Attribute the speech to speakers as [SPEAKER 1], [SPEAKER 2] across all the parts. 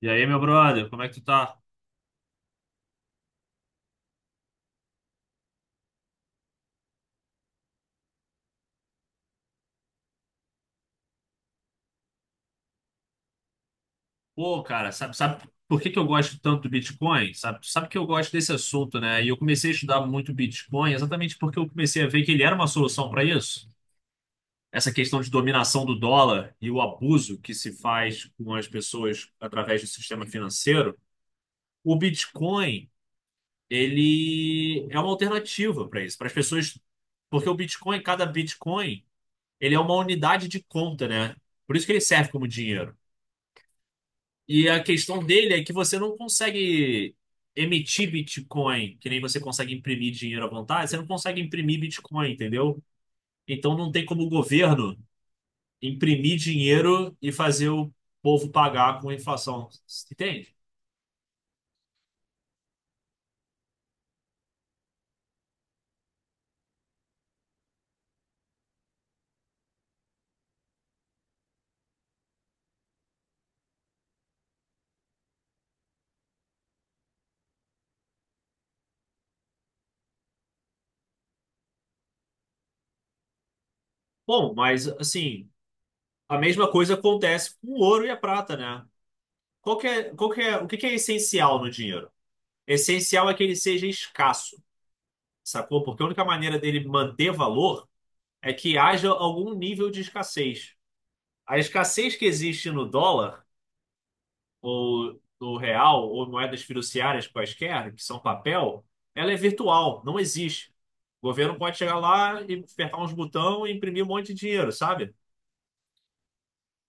[SPEAKER 1] E aí, meu brother, como é que tu tá? Pô, cara, sabe por que que eu gosto tanto do Bitcoin? Sabe que eu gosto desse assunto, né? E eu comecei a estudar muito Bitcoin exatamente porque eu comecei a ver que ele era uma solução para isso. Essa questão de dominação do dólar e o abuso que se faz com as pessoas através do sistema financeiro. O Bitcoin, ele é uma alternativa para isso, para as pessoas. Porque o Bitcoin, cada Bitcoin, ele é uma unidade de conta, né? Por isso que ele serve como dinheiro. E a questão dele é que você não consegue emitir Bitcoin, que nem você consegue imprimir dinheiro à vontade, você não consegue imprimir Bitcoin, entendeu? Então não tem como o governo imprimir dinheiro e fazer o povo pagar com a inflação, entende? Bom, mas assim, a mesma coisa acontece com o ouro e a prata, né? Qual que é, o que que é essencial no dinheiro? Essencial é que ele seja escasso, sacou? Porque a única maneira dele manter valor é que haja algum nível de escassez. A escassez que existe no dólar, ou no real, ou moedas fiduciárias quaisquer, que são papel, ela é virtual, não existe. O governo pode chegar lá e apertar uns botões e imprimir um monte de dinheiro, sabe?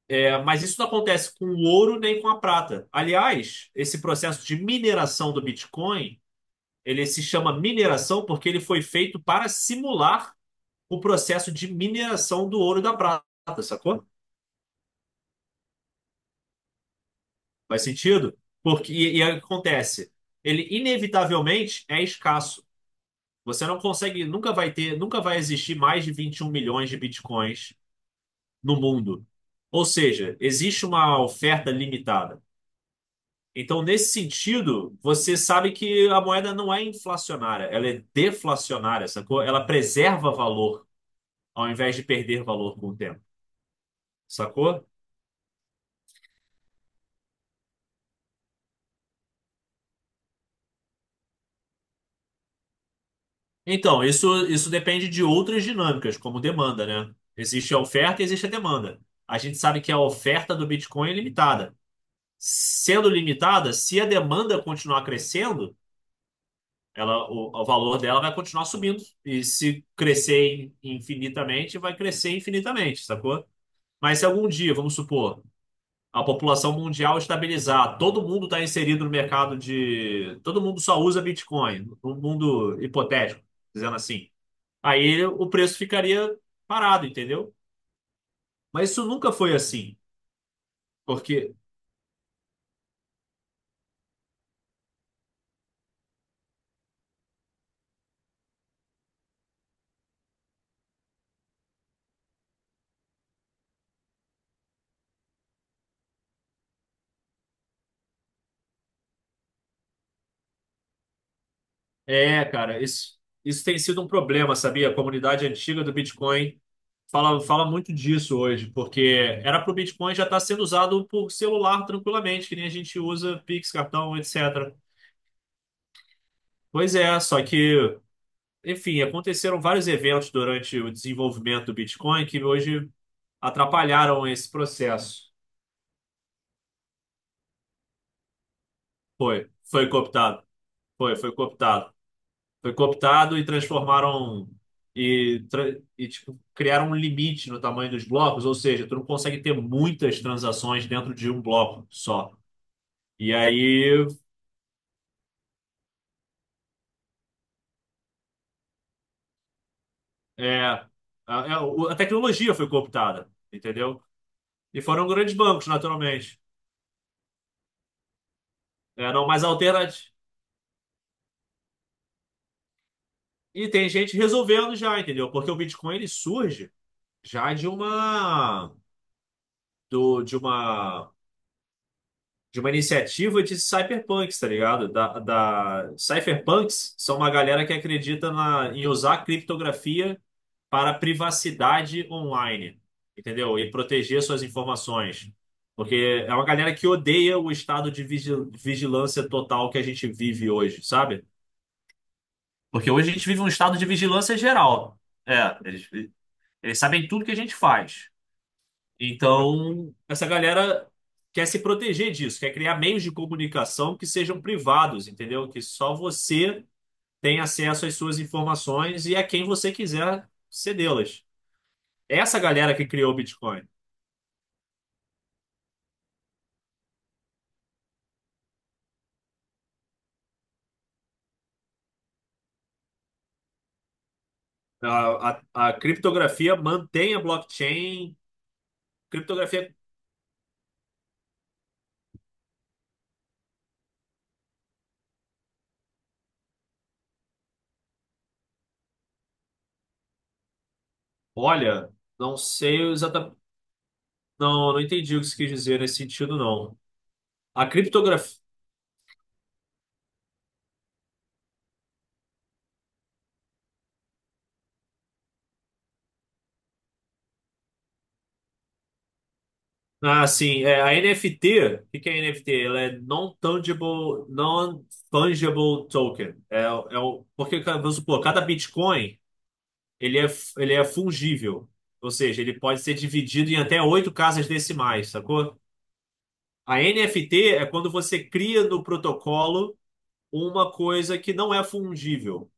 [SPEAKER 1] É, mas isso não acontece com o ouro nem com a prata. Aliás, esse processo de mineração do Bitcoin, ele se chama mineração porque ele foi feito para simular o processo de mineração do ouro e da prata, sacou? Faz sentido? Porque, e aí o que acontece? Ele inevitavelmente é escasso. Você não consegue, nunca vai ter, nunca vai existir mais de 21 milhões de bitcoins no mundo. Ou seja, existe uma oferta limitada. Então, nesse sentido, você sabe que a moeda não é inflacionária, ela é deflacionária, sacou? Ela preserva valor ao invés de perder valor com o tempo, sacou? Então, isso depende de outras dinâmicas, como demanda, né? Existe a oferta e existe a demanda. A gente sabe que a oferta do Bitcoin é limitada. Sendo limitada, se a demanda continuar crescendo, ela, o valor dela vai continuar subindo. E se infinitamente, vai crescer infinitamente, sacou? Mas se algum dia, vamos supor, a população mundial estabilizar, todo mundo está inserido no mercado de. Todo mundo só usa Bitcoin, num mundo hipotético, dizendo assim. Aí o preço ficaria parado, entendeu? Mas isso nunca foi assim, porque é, cara, isso tem sido um problema, sabia? A comunidade antiga do Bitcoin fala muito disso hoje, porque era para o Bitcoin já estar sendo usado por celular tranquilamente, que nem a gente usa Pix, cartão, etc. Pois é, só que, enfim, aconteceram vários eventos durante o desenvolvimento do Bitcoin que hoje atrapalharam esse processo. Foi cooptado. Foi cooptado. Foi cooptado e transformaram e, tipo, criaram um limite no tamanho dos blocos, ou seja, tu não consegue ter muitas transações dentro de um bloco só. E aí é, a, a tecnologia foi cooptada, entendeu? E foram grandes bancos, naturalmente. É, não, mas alternativa. E tem gente resolvendo já, entendeu? Porque o Bitcoin ele surge já de uma do, de uma de uma iniciativa de cyberpunks, tá ligado? Da, da... Cyberpunks são uma galera que acredita em usar criptografia para privacidade online, entendeu? E proteger suas informações. Porque é uma galera que odeia o estado de vigilância total que a gente vive hoje, sabe? Porque hoje a gente vive um estado de vigilância geral. É, eles sabem tudo que a gente faz. Então, essa galera quer se proteger disso, quer criar meios de comunicação que sejam privados, entendeu? Que só você tem acesso às suas informações e a quem você quiser cedê-las. Essa galera que criou o Bitcoin. A criptografia mantém a blockchain. Criptografia, olha, não sei exatamente. Não, não entendi o que você quis dizer nesse sentido, não. A criptografia. Ah, sim. É, a NFT, o que que é NFT? Ela é Non-Tangible, Non-Fungible Token. É o, porque, cara, vamos supor, cada Bitcoin, ele é fungível. Ou seja, ele pode ser dividido em até oito casas decimais, sacou? A NFT é quando você cria no protocolo uma coisa que não é fungível.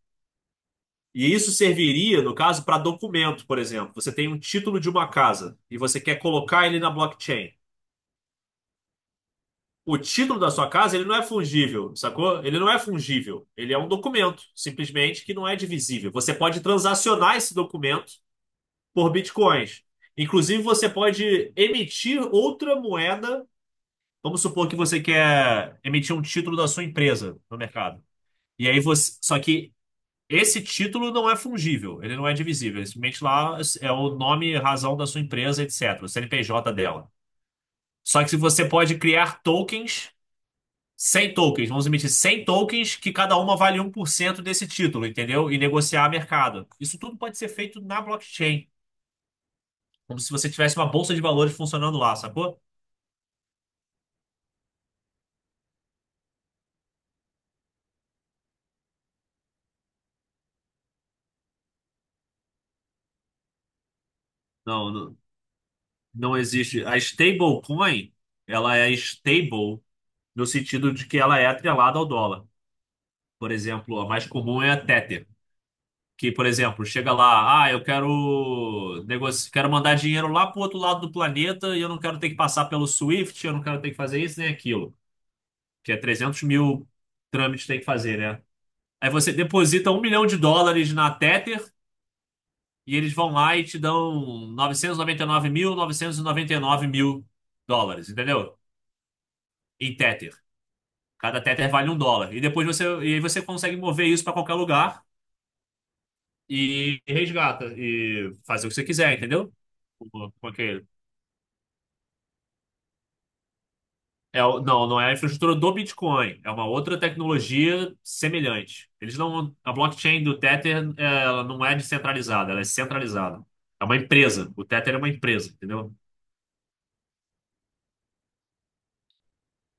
[SPEAKER 1] E isso serviria, no caso, para documento, por exemplo. Você tem um título de uma casa e você quer colocar ele na blockchain. O título da sua casa, ele não é fungível, sacou? Ele não é fungível. Ele é um documento, simplesmente, que não é divisível. Você pode transacionar esse documento por bitcoins. Inclusive, você pode emitir outra moeda. Vamos supor que você quer emitir um título da sua empresa no mercado. E aí você. Só que esse título não é fungível, ele não é divisível. Ele simplesmente lá é o nome, razão da sua empresa, etc. O CNPJ dela. Só que se você pode criar tokens 100 tokens, vamos emitir 100 tokens que cada uma vale 1% desse título, entendeu? E negociar a mercado. Isso tudo pode ser feito na blockchain, como se você tivesse uma bolsa de valores funcionando lá, sacou? Não, não, não existe. A stablecoin, ela é stable no sentido de que ela é atrelada ao dólar. Por exemplo, a mais comum é a Tether, que, por exemplo, chega lá, ah, eu quero quero mandar dinheiro lá pro outro lado do planeta e eu não quero ter que passar pelo Swift, eu não quero ter que fazer isso nem aquilo. Que é 300 mil trâmites que tem que fazer, né? Aí você deposita 1 milhão de dólares na Tether e eles vão lá e te dão 999 mil novecentos e noventa e nove mil dólares, entendeu? Em Tether. Cada Tether vale um dólar. E depois você, e aí você consegue mover isso para qualquer lugar e resgata e fazer o que você quiser, entendeu? Com, com aquele- É, não, não é a infraestrutura do Bitcoin, é uma outra tecnologia semelhante. Eles não, a blockchain do Tether, é, ela não é descentralizada, ela é centralizada. É uma empresa. O Tether é uma empresa, entendeu?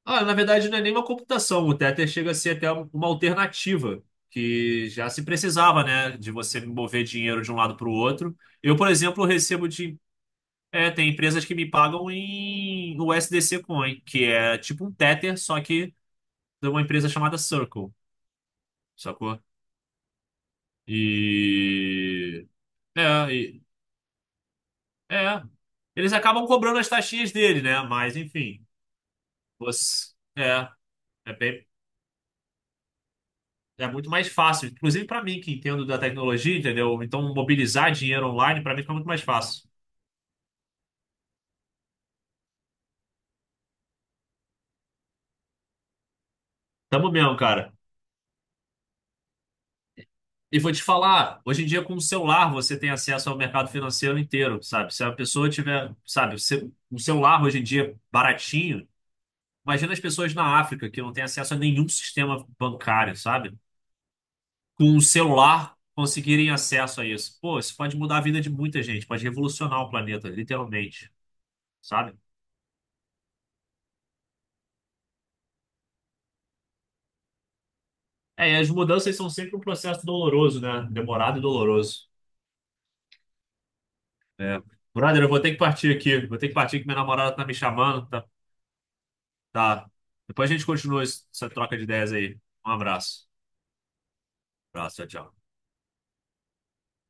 [SPEAKER 1] Ah, na verdade, não é nem uma computação. O Tether chega a ser até uma alternativa que já se precisava, né, de você mover dinheiro de um lado para o outro. Eu, por exemplo, recebo de, é, tem empresas que me pagam em USDC Coin, que é tipo um Tether, só que de uma empresa chamada Circle. Sacou? E. É, e- é. Eles acabam cobrando as taxinhas dele, né? Mas, enfim. Você... É. É bem. É muito mais fácil, inclusive para mim que entendo da tecnologia, entendeu? Então, mobilizar dinheiro online para mim fica muito mais fácil. Tamo mesmo, cara. E vou te falar, hoje em dia com o celular você tem acesso ao mercado financeiro inteiro, sabe? Se a pessoa tiver, sabe, um celular hoje em dia baratinho, imagina as pessoas na África que não têm acesso a nenhum sistema bancário, sabe? Com um celular conseguirem acesso a isso. Pô, isso pode mudar a vida de muita gente, pode revolucionar o planeta, literalmente, sabe? É, e as mudanças são sempre um processo doloroso, né? Demorado e doloroso. É. Brother, eu vou ter que partir aqui. Vou ter que partir que minha namorada tá me chamando. Tá, tá. Depois a gente continua essa troca de ideias aí. Um abraço. Abraço, tchau, tchau.